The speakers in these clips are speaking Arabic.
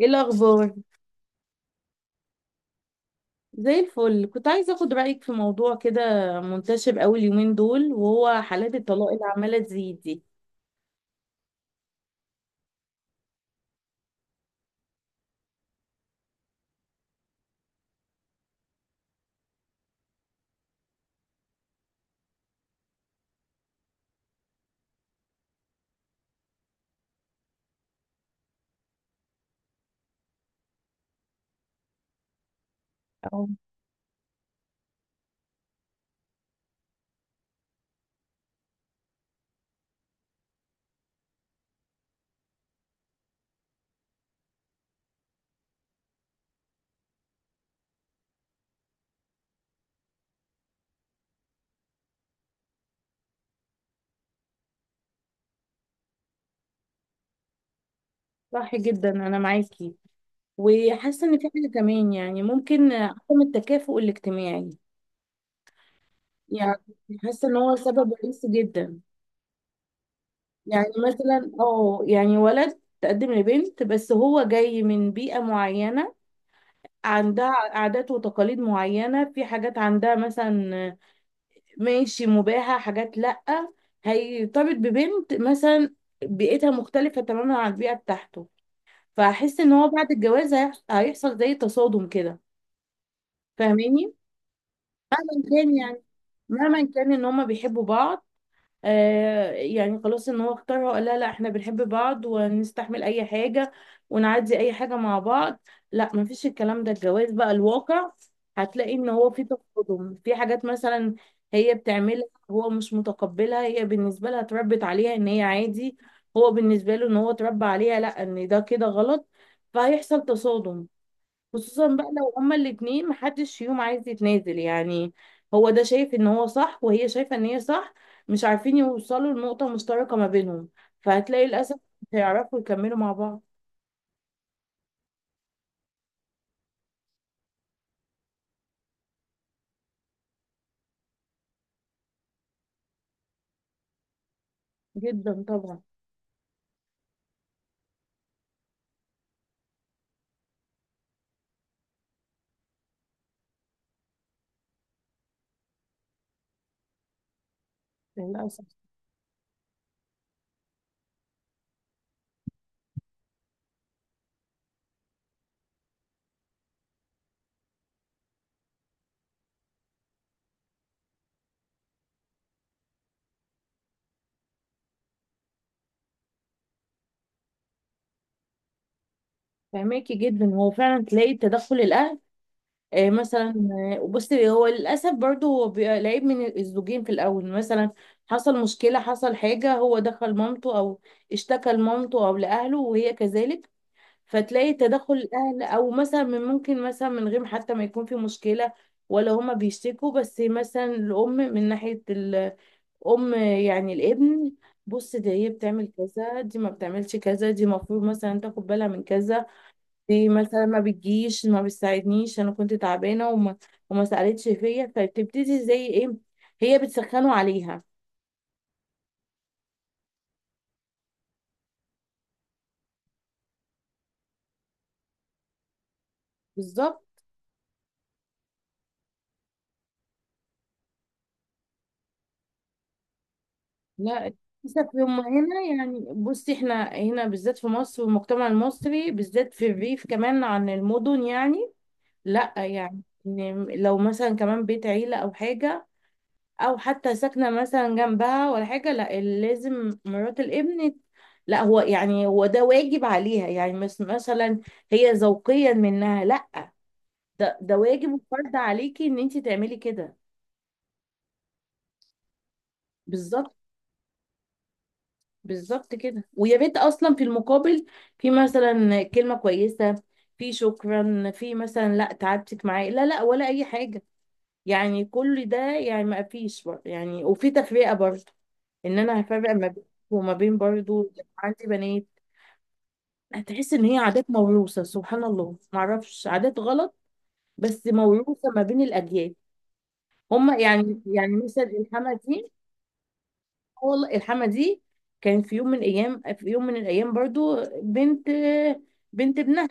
ايه الاخبار؟ زي الفل. كنت عايزه اخد رايك في موضوع كده منتشر قوي اليومين دول، وهو حالات الطلاق اللي عماله تزيد دي. أو، صح جدا، انا معاكي. وحاسه ان في حاجه كمان، يعني ممكن عدم التكافؤ الاجتماعي، يعني حاسه ان هو سبب رئيسي جدا. يعني مثلا، يعني ولد تقدم لبنت، بس هو جاي من بيئه معينه عندها عادات وتقاليد معينه، في حاجات عندها مثلا ماشي، مباحة، حاجات لأ. هيرتبط ببنت مثلا بيئتها مختلفة تماما عن البيئة بتاعته، فهحس ان هو بعد الجواز هيحصل زي تصادم كده، فاهماني؟ مهما كان يعني، مهما كان ان هما بيحبوا بعض، آه يعني خلاص ان هو اختارها وقال لها لا احنا بنحب بعض ونستحمل اي حاجة ونعدي اي حاجة مع بعض، لا مفيش الكلام ده. الجواز بقى الواقع، هتلاقي ان هو في تصادم في حاجات مثلا هي بتعملها هو مش متقبلها. هي بالنسبة لها اتربت عليها ان هي عادي، هو بالنسبة له ان هو اتربى عليها لا، ان ده كده غلط، فهيحصل تصادم. خصوصا بقى لو هما الاتنين محدش فيهم عايز يتنازل، يعني هو ده شايف ان هو صح وهي شايفة ان هي صح، مش عارفين يوصلوا لنقطة مشتركة ما بينهم، فهتلاقي للأسف مش هيعرفوا يكملوا مع بعض. جدا طبعا. للأسف. فهماكي جدا. هو فعلا تلاقي تدخل الأهل، آه مثلا. آه، بصي، هو للأسف برضه هو بيبقى العيب من الزوجين في الأول. مثلا حصل مشكلة، حصل حاجة، هو دخل مامته أو اشتكى لمامته أو لأهله، وهي كذلك. فتلاقي تدخل الاهل، او مثلا من ممكن مثلا من غير حتى ما يكون في مشكله ولا هما بيشتكوا، بس مثلا الام من ناحيه الام، يعني الابن، بص دي هي بتعمل كذا، دي ما بتعملش كذا، دي المفروض مثلا تاخد بالها من كذا، دي مثلا ما بتجيش ما بتساعدنيش انا كنت تعبانه وما وما سالتش فيا، فبتبتدي زي ايه، هي بتسخنه عليها. بالظبط. لا. للأسف، هم هنا يعني، بصي احنا هنا بالذات في مصر، والمجتمع المصري بالذات في الريف كمان عن المدن، يعني لا يعني إن لو مثلا كمان بيت عيلة أو حاجة أو حتى ساكنة مثلا جنبها ولا حاجة، لا لازم مرات الابن، لا هو يعني هو ده واجب عليها، يعني مس مثلا هي ذوقيا منها، لا ده ده واجب وفرض عليكي ان انت تعملي كده. بالظبط. بالظبط كده. ويا ريت اصلا في المقابل في مثلا كلمه كويسه، في شكرا، في مثلا لا تعبتك معايا، لا لا، ولا اي حاجه. يعني كل ده يعني ما فيش يعني. وفي تفرقه برضه، ان انا هفرق ما بين وما بين برضه عندي بنات. هتحس ان هي عادات موروثه، سبحان الله، ما اعرفش عادات غلط بس موروثه ما بين الاجيال. هما يعني، يعني مثلا الحمى دي، والله الحما دي كان في يوم من ايام، في يوم من الايام برضو بنت، بنت ابنها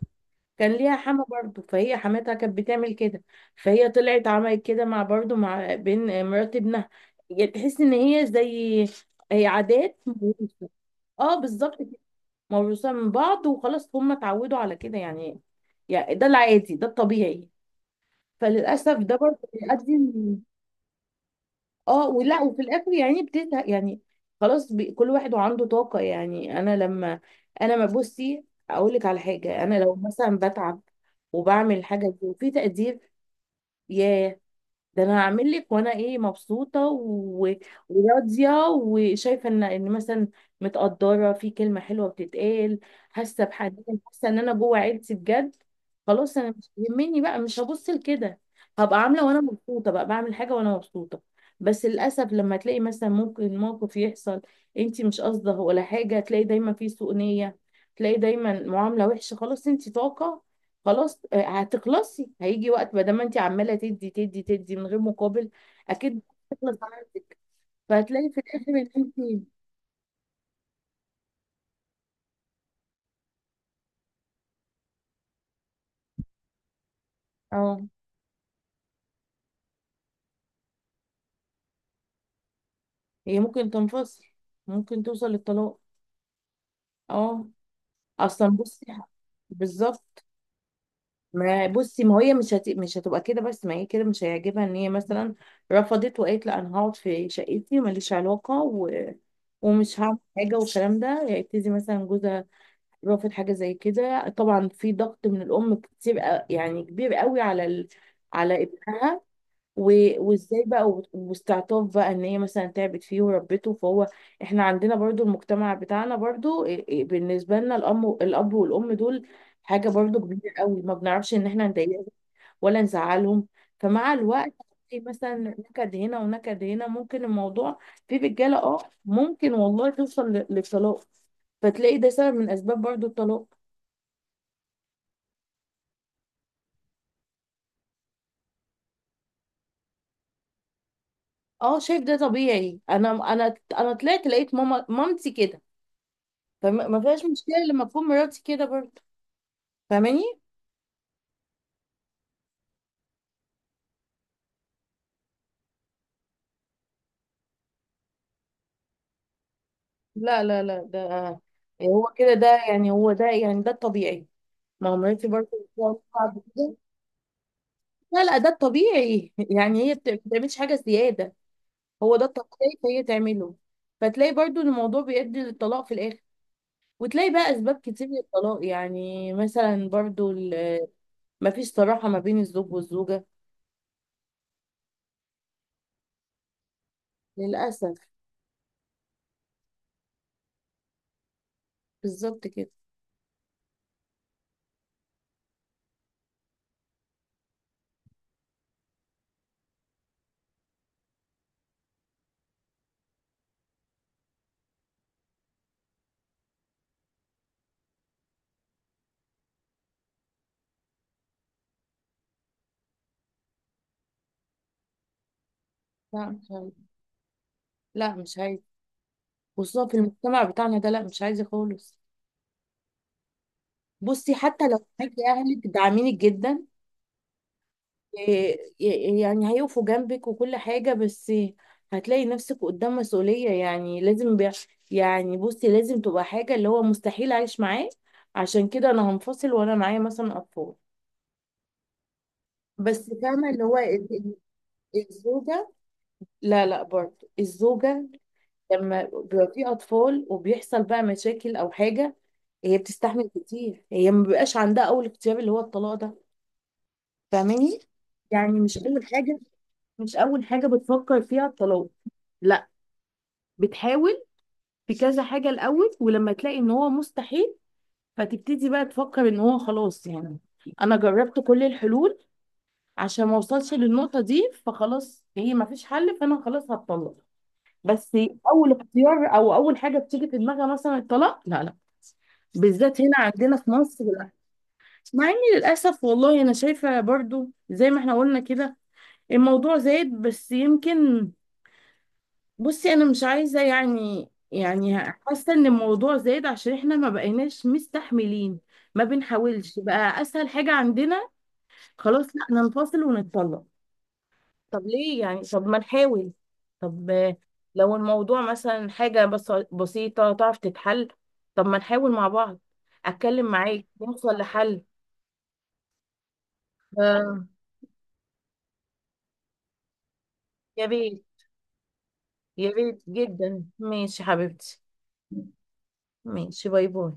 كان ليها حما برضو، فهي حماتها كانت بتعمل كده، فهي طلعت عملت كده مع برضو مع بين مرات ابنها. يعني تحس ان هي زي، هي عادات موروثة. اه بالظبط كده، موروثة من بعض، وخلاص هم اتعودوا على كده، يعني يعني ده العادي، ده الطبيعي. فللاسف ده برضو بيؤدي. اه ولا، وفي الاخر يعني بتزهق، يعني خلاص. كل واحد وعنده طاقه، يعني انا لما انا ما، بصي اقول لك على حاجه، انا لو مثلا بتعب وبعمل حاجه دي وفي تقدير، ياه، ده انا هعمل لك، وانا ايه مبسوطه و... وراضيه وشايفه ان ان مثلا متقدره، في كلمه حلوه بتتقال، حاسه بحنين، حاسه ان انا جوه عيلتي بجد، خلاص انا مش يهمني بقى، مش هبص لكده، هبقى عامله وانا مبسوطه بقى، بعمل حاجه وانا مبسوطه. بس للاسف لما تلاقي مثلا ممكن موقف يحصل انت مش قصده ولا حاجه، تلاقي دايما في سوء نيه، تلاقي دايما معامله وحشه، خلاص انت طاقه، خلاص آه، هتخلصي. هيجي وقت، ما دام انت عماله تدي تدي تدي من غير مقابل، اكيد هتخلص عندك، فهتلاقي في الاخر ان انت. اه. هي ممكن تنفصل، ممكن توصل للطلاق. اه. اصلا بصي. بالظبط. ما بصي ما هي مش هت، مش هتبقى كده، بس ما هي كده مش هيعجبها ان هي مثلا رفضت وقالت لا انا هقعد في شقتي وماليش علاقه و... ومش هعمل حاجه والكلام ده، يبتدي مثلا جوزها رافض حاجة زي كده. طبعا في ضغط من الأم كتير، يعني كبير قوي على ال... على ابنها، و... وازاي بقى، واستعطاف بقى ان هي مثلا تعبت فيه وربته، فهو احنا عندنا برضو، المجتمع بتاعنا برضو، إيه بالنسبة لنا الأم، الأب والأم دول حاجة برضو كبيرة قوي، ما بنعرفش ان احنا نضايقهم ولا نزعلهم. فمع الوقت في مثلا نكد هنا ونكد هنا، ممكن الموضوع في رجالة اه، ممكن والله توصل للطلاق، فتلاقي ده سبب من اسباب برضو الطلاق. اه شايف ده طبيعي، انا انا طلعت لقيت ماما، مامتي كده، فما فيهاش مشكله لما تكون مراتي كده برضه. فاهماني؟ لا لا لا، ده هو كده، ده يعني، هو ده يعني ده الطبيعي، ما هو مراتي برضه بتقعد بعد كده. لا لا، ده الطبيعي يعني هي ما بتعملش حاجه زياده، هو ده الطبيعي فهي تعمله. فتلاقي برضه إن الموضوع بيؤدي للطلاق في الاخر، وتلاقي بقى اسباب كتير للطلاق، يعني مثلا برضه ما فيش صراحه ما بين الزوج والزوجه. للاسف. بالظبط كده. لا مش عايز، لا مش عايز، خصوصا في المجتمع بتاعنا ده، لا مش عايزة خالص. بصي حتى لو معاكي أهلك داعمينك جدا، إيه- يعني هيقفوا جنبك وكل حاجة، بس هتلاقي نفسك قدام مسؤولية، يعني لازم بي، يعني بصي لازم تبقى حاجة اللي هو مستحيل أعيش معاه عشان كده أنا هنفصل وأنا معايا مثلا أطفال. بس فاهمة اللي هو الزوجة، لا لا برضه الزوجة لما بيبقى في اطفال وبيحصل بقى مشاكل او حاجه، هي بتستحمل كتير، هي ما بيبقاش عندها اول اختيار اللي هو الطلاق ده. فاهماني؟ يعني مش اول حاجه، مش اول حاجه بتفكر فيها الطلاق، لا. بتحاول في كذا حاجه الاول، ولما تلاقي ان هو مستحيل، فتبتدي بقى تفكر ان هو خلاص، يعني انا جربت كل الحلول عشان ما اوصلش للنقطه دي، فخلاص هي ما فيش حل، فانا خلاص هتطلق. بس اول اختيار او اول حاجه بتيجي في دماغها مثلا الطلاق، لا لا، بالذات هنا عندنا في مصر، لا. مع اني للاسف والله انا شايفه برضو زي ما احنا قلنا كده الموضوع زايد، بس يمكن بصي انا مش عايزه يعني، يعني حاسه ان الموضوع زايد عشان احنا ما بقيناش مستحملين، ما بنحاولش بقى، اسهل حاجه عندنا خلاص لا ننفصل ونتطلق. طب ليه يعني؟ طب ما نحاول، طب آه، لو الموضوع مثلا حاجة بس بسيطة تعرف تتحل، طب ما نحاول مع بعض، أتكلم معاك نوصل لحل. آه، يا ريت، يا ريت جدا. ماشي حبيبتي، ماشي، باي باي.